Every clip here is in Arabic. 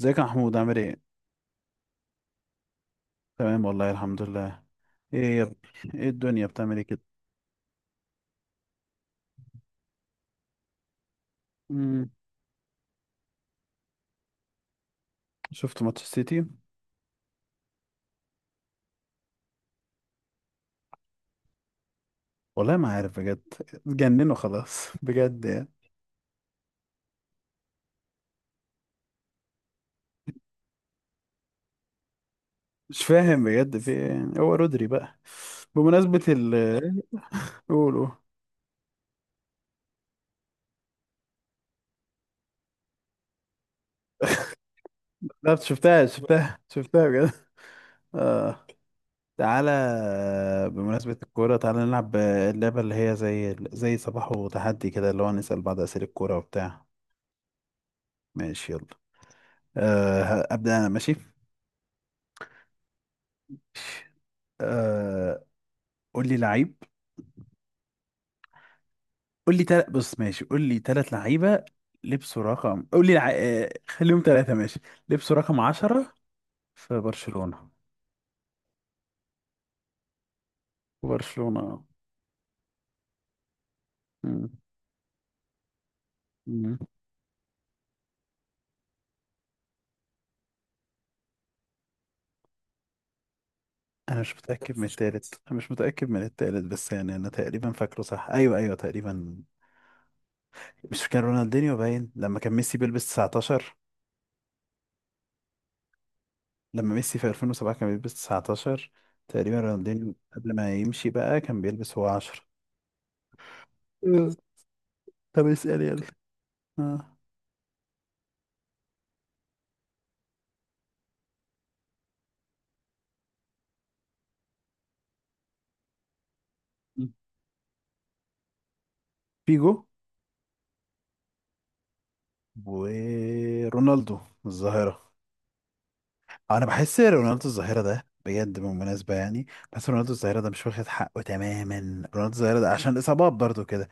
ازيك يا محمود؟ عامل ايه؟ تمام والله الحمد لله. ايه يا ب... ايه الدنيا بتعمل ايه كده؟ مم. شفت ماتش السيتي؟ والله ما عارف بجد. اتجننوا خلاص بجد يعني. مش فاهم بجد في ايه يعني، هو رودري بقى بمناسبة ال قولوا. لا شفتها بجد. اه، تعالى. بمناسبة الكورة تعالى نلعب اللعبة اللي هي زي صباح وتحدي كده، اللي هو نسأل بعض أسئلة الكورة وبتاع. ماشي يلا. أه أبدأ أنا، ماشي. أه، قول لي لعيب. قول لي بص، ماشي، قول لي ثلاث لعيبه لبسوا رقم، قول لي لع... آه، خليهم ثلاثه، ماشي. لبسوا رقم 10 في برشلونه. برشلونه، آه. مم. مم. انا مش متاكد من الثالث، انا مش متاكد من الثالث، بس يعني انا تقريبا فاكره، صح، ايوه ايوه تقريبا. مش كان رونالدينيو باين لما كان ميسي بيلبس 19؟ لما ميسي في 2007 كان بيلبس 19. تقريبا رونالدينيو قبل ما يمشي بقى كان بيلبس هو 10. طب اسال يلا. آه. فيجو ورونالدو الظاهرة. آه، انا بحس رونالدو الظاهرة ده بجد بالمناسبة يعني. بس رونالدو الظاهرة ده مش واخد حقه تماما. رونالدو الظاهرة ده عشان الاصابات برضو كده.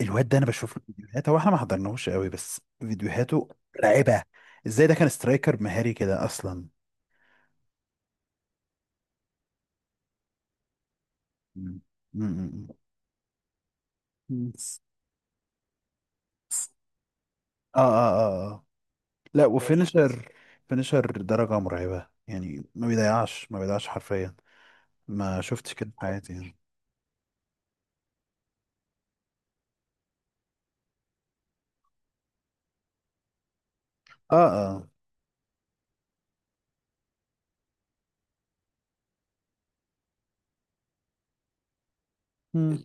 الواد ده انا بشوف له فيديوهات، هو احنا ما حضرناهوش قوي بس فيديوهاته مرعبة. ازاي ده كان سترايكر مهاري كده اصلا. مم. مم. مم. اه اه اه اه. لا، وفينيشر. فينيشر درجة مرعبة يعني، ما بيضيعش ما بيضيعش حرفيا. ما شفتش كده في حياتي يعني. اه اه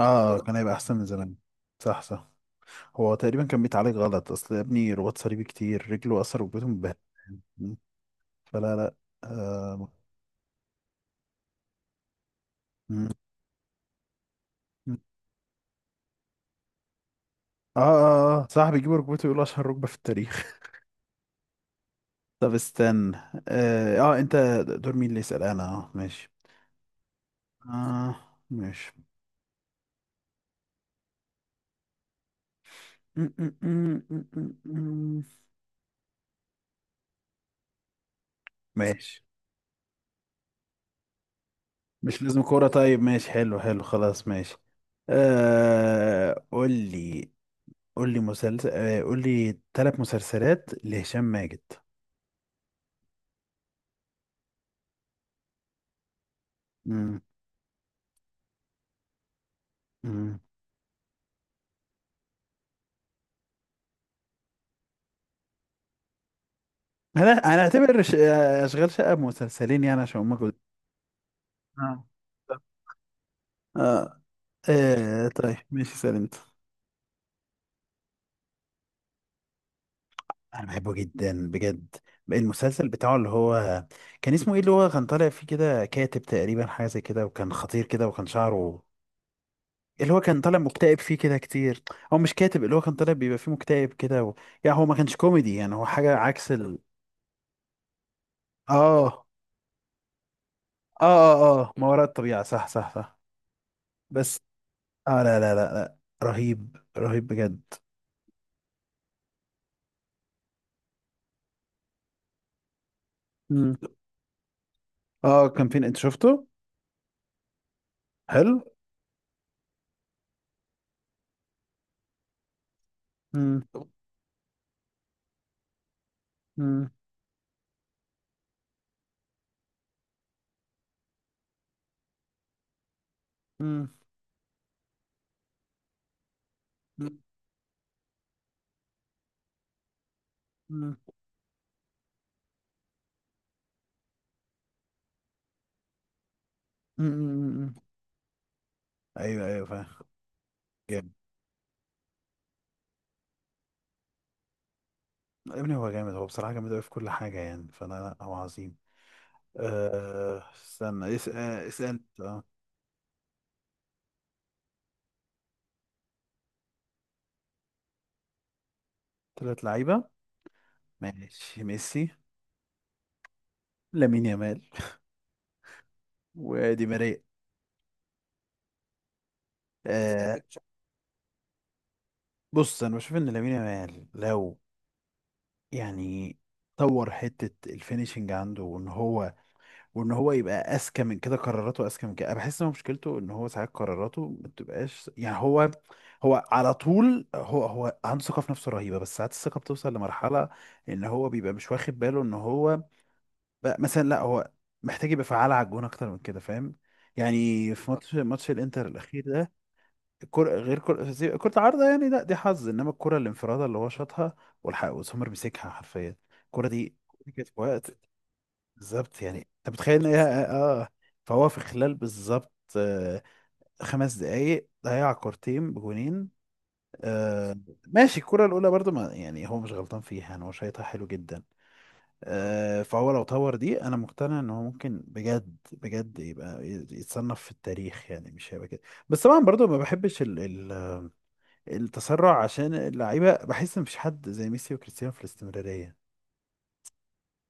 اه، كان هيبقى احسن من زمان. صح، صح. هو تقريبا كان بيتعالج غلط، اصل يا ابني رباط صليبي كتير، رجله اثر ركبته مبهدله. فلا لا. آه, م- م- اه اه اه صح، بيجيبوا ركبته يقولوا اشهر ركبه في التاريخ. طب استنى. اه, آه انت. دور مين اللي يسال، انا؟ اه ماشي. اه ماشي. م- م- م- م- م- م. ماشي. مش لازم كوره، طيب ماشي، حلو حلو خلاص ماشي. آه قول لي. قول لي مسلسل، آه، قول لي ثلاث مسلسلات لهشام ماجد. امم. امم. انا انا اعتبر اشغال شقه مسلسلين يعني، عشان امك اه اه. آه، طيب ماشي، سأل انت. انا بحبه جدا بجد. المسلسل بتاعه اللي هو كان اسمه ايه، اللي هو كان طالع فيه كده كاتب تقريبا، حاجه زي كده، وكان خطير كده، وكان شعره، اللي هو كان طالع مكتئب فيه كده كتير. هو مش كاتب، اللي هو كان طالع بيبقى فيه مكتئب كده و... يعني هو ما كانش كوميدي، يعني هو حاجه عكس ال... اه اه، اه اه ما وراء الطبيعة، صح صح صح. بس اه لا لا لا لا، رهيب رهيب بجد. مم. اه كان فين انت شفته؟ حلو. مم. مم. مم. مم. مم. مم. ايوه ايوه فاهم. جامد. يا ابني هو جامد، هو بصراحة جامد قوي في كل حاجة يعني، فانا لا، هو عظيم. آه اسأل انت. اه. ثلاث لعيبة. ماشي، ميسي، لامين يامال، ودي ماريا. آه بص، انا بشوف ان لامين يامال لو يعني طور حتة الفينيشنج عنده، وان هو، يبقى اذكى من كده، قراراته اذكى من كده. انا بحس ان هو مشكلته ان هو ساعات قراراته ما بتبقاش يعني، هو على طول، هو عنده ثقة في نفسه رهيبة، بس ساعات الثقة بتوصل لمرحلة ان هو بيبقى مش واخد باله ان هو بقى مثلا، لا هو محتاج يبقى فعال على الجون اكتر من كده فاهم يعني. في ماتش الانتر الاخير ده، كرة غير كرة كرة عارضة يعني، لا دي حظ، انما الكرة الانفرادة اللي هو شاطها والحق وسومر مسكها حرفيا. الكرة دي كانت في وقت بالظبط يعني، انت متخيل ان هي اه. آه. فهو في خلال بالظبط آه 5 دقايق ضيع كورتين بجونين. آه ماشي. الكرة الأولى برضو ما يعني هو مش غلطان فيها يعني، هو شايطها حلو جدا. آه، فهو لو طور دي أنا مقتنع إن هو ممكن بجد بجد يبقى يتصنف في التاريخ يعني، مش هيبقى كده. بس طبعا برضو ما بحبش التسرع عشان اللعيبه، بحس ان مفيش حد زي ميسي وكريستيانو في الاستمراريه.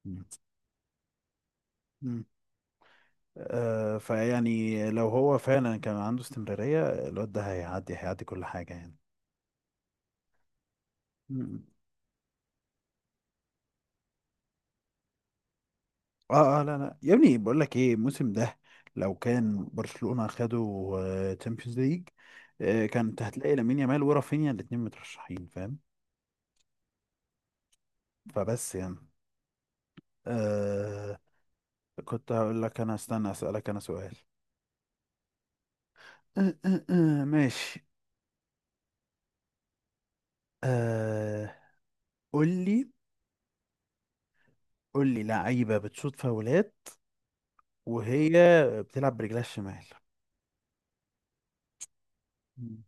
مم. مم. آه، فيعني لو هو فعلا كان عنده استمراريه، الواد ده هيعدي هيعدي كل حاجه يعني. مم. اه اه، لا لا يا ابني، بقول لك ايه، الموسم ده لو كان برشلونه خدوا تشامبيونز ليج، كانت هتلاقي لامين يامال ورافينيا الاتنين مترشحين فاهم. فبس يعني. آه، كنت هقول لك انا، استنى اسالك انا سؤال. آه آه آه ماشي. آه قول لي. قول لي لعيبه بتشوط فاولات وهي بتلعب برجلها الشمال. مم.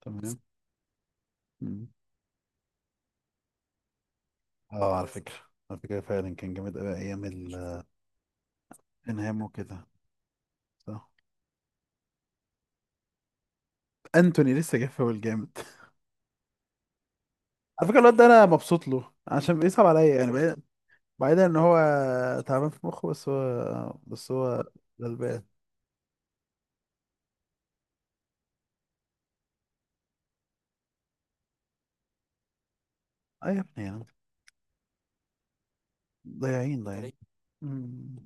تمام. مم. اه على فكره، على فكره فعلا كان جامد قوي ايام توتنهام وكده. صح. انتوني لسه جاب فاول جامد على فكره الواد ده انا مبسوط له عشان بيصعب عليا يعني، بعيدا بعيدا ان هو تعبان في مخه، بس هو غلبان. اي يا ابني يعني. ضايعين ضايعين. مم.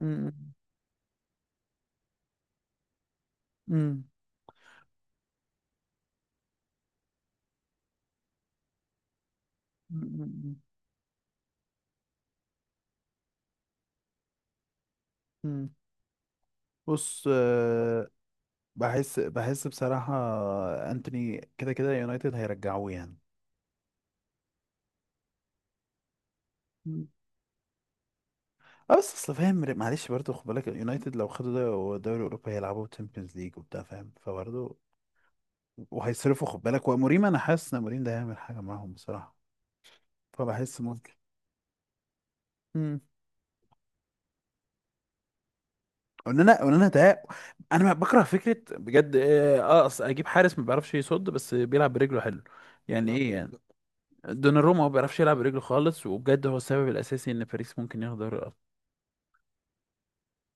مم. مم. مم. مم. بص آه، بحس بحس بصراحة انتوني كده كده يونايتد هيرجعوه يعني. مم. اه بس اصل فاهم، معلش برضه خد بالك، اليونايتد لو خدوا دوري اوروبا هيلعبوا تشامبيونز ليج وبتاع فاهم، فبرضه وهيصرفوا خد بالك، وموريم، انا حاسس ان موريم ده هيعمل حاجة معاهم بصراحة، فبحس ممكن. امم. وان انا ده، انا بكره فكرة بجد اه، آه، اصل اجيب حارس ما بيعرفش يصد بس بيلعب برجله حلو، يعني بالظبط ايه يعني. دوناروما ما بيعرفش يلعب برجله خالص، وبجد هو السبب الاساسي ان باريس ممكن ياخد دوري.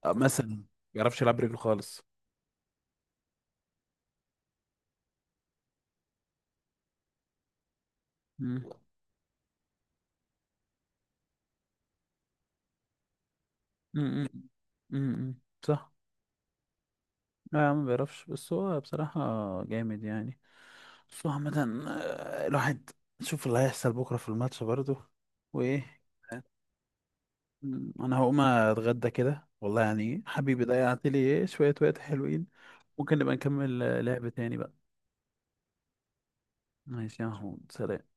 آه، مثلا ما بيعرفش يلعب برجله خالص. مم. مم. مم. صح. لا يا عم ما بيعرفش، بس هو بصراحة جامد يعني. بس هو عامة آه، الواحد شوف اللي هيحصل بكرة في الماتش برضه وإيه. مم، أنا هقوم أتغدى كده والله يعني، حبيبي ضيعت لي إيه شوية وقت حلوين. ممكن نبقى نكمل آه، لعب تاني بقى. ماشي يا محمود، سلام.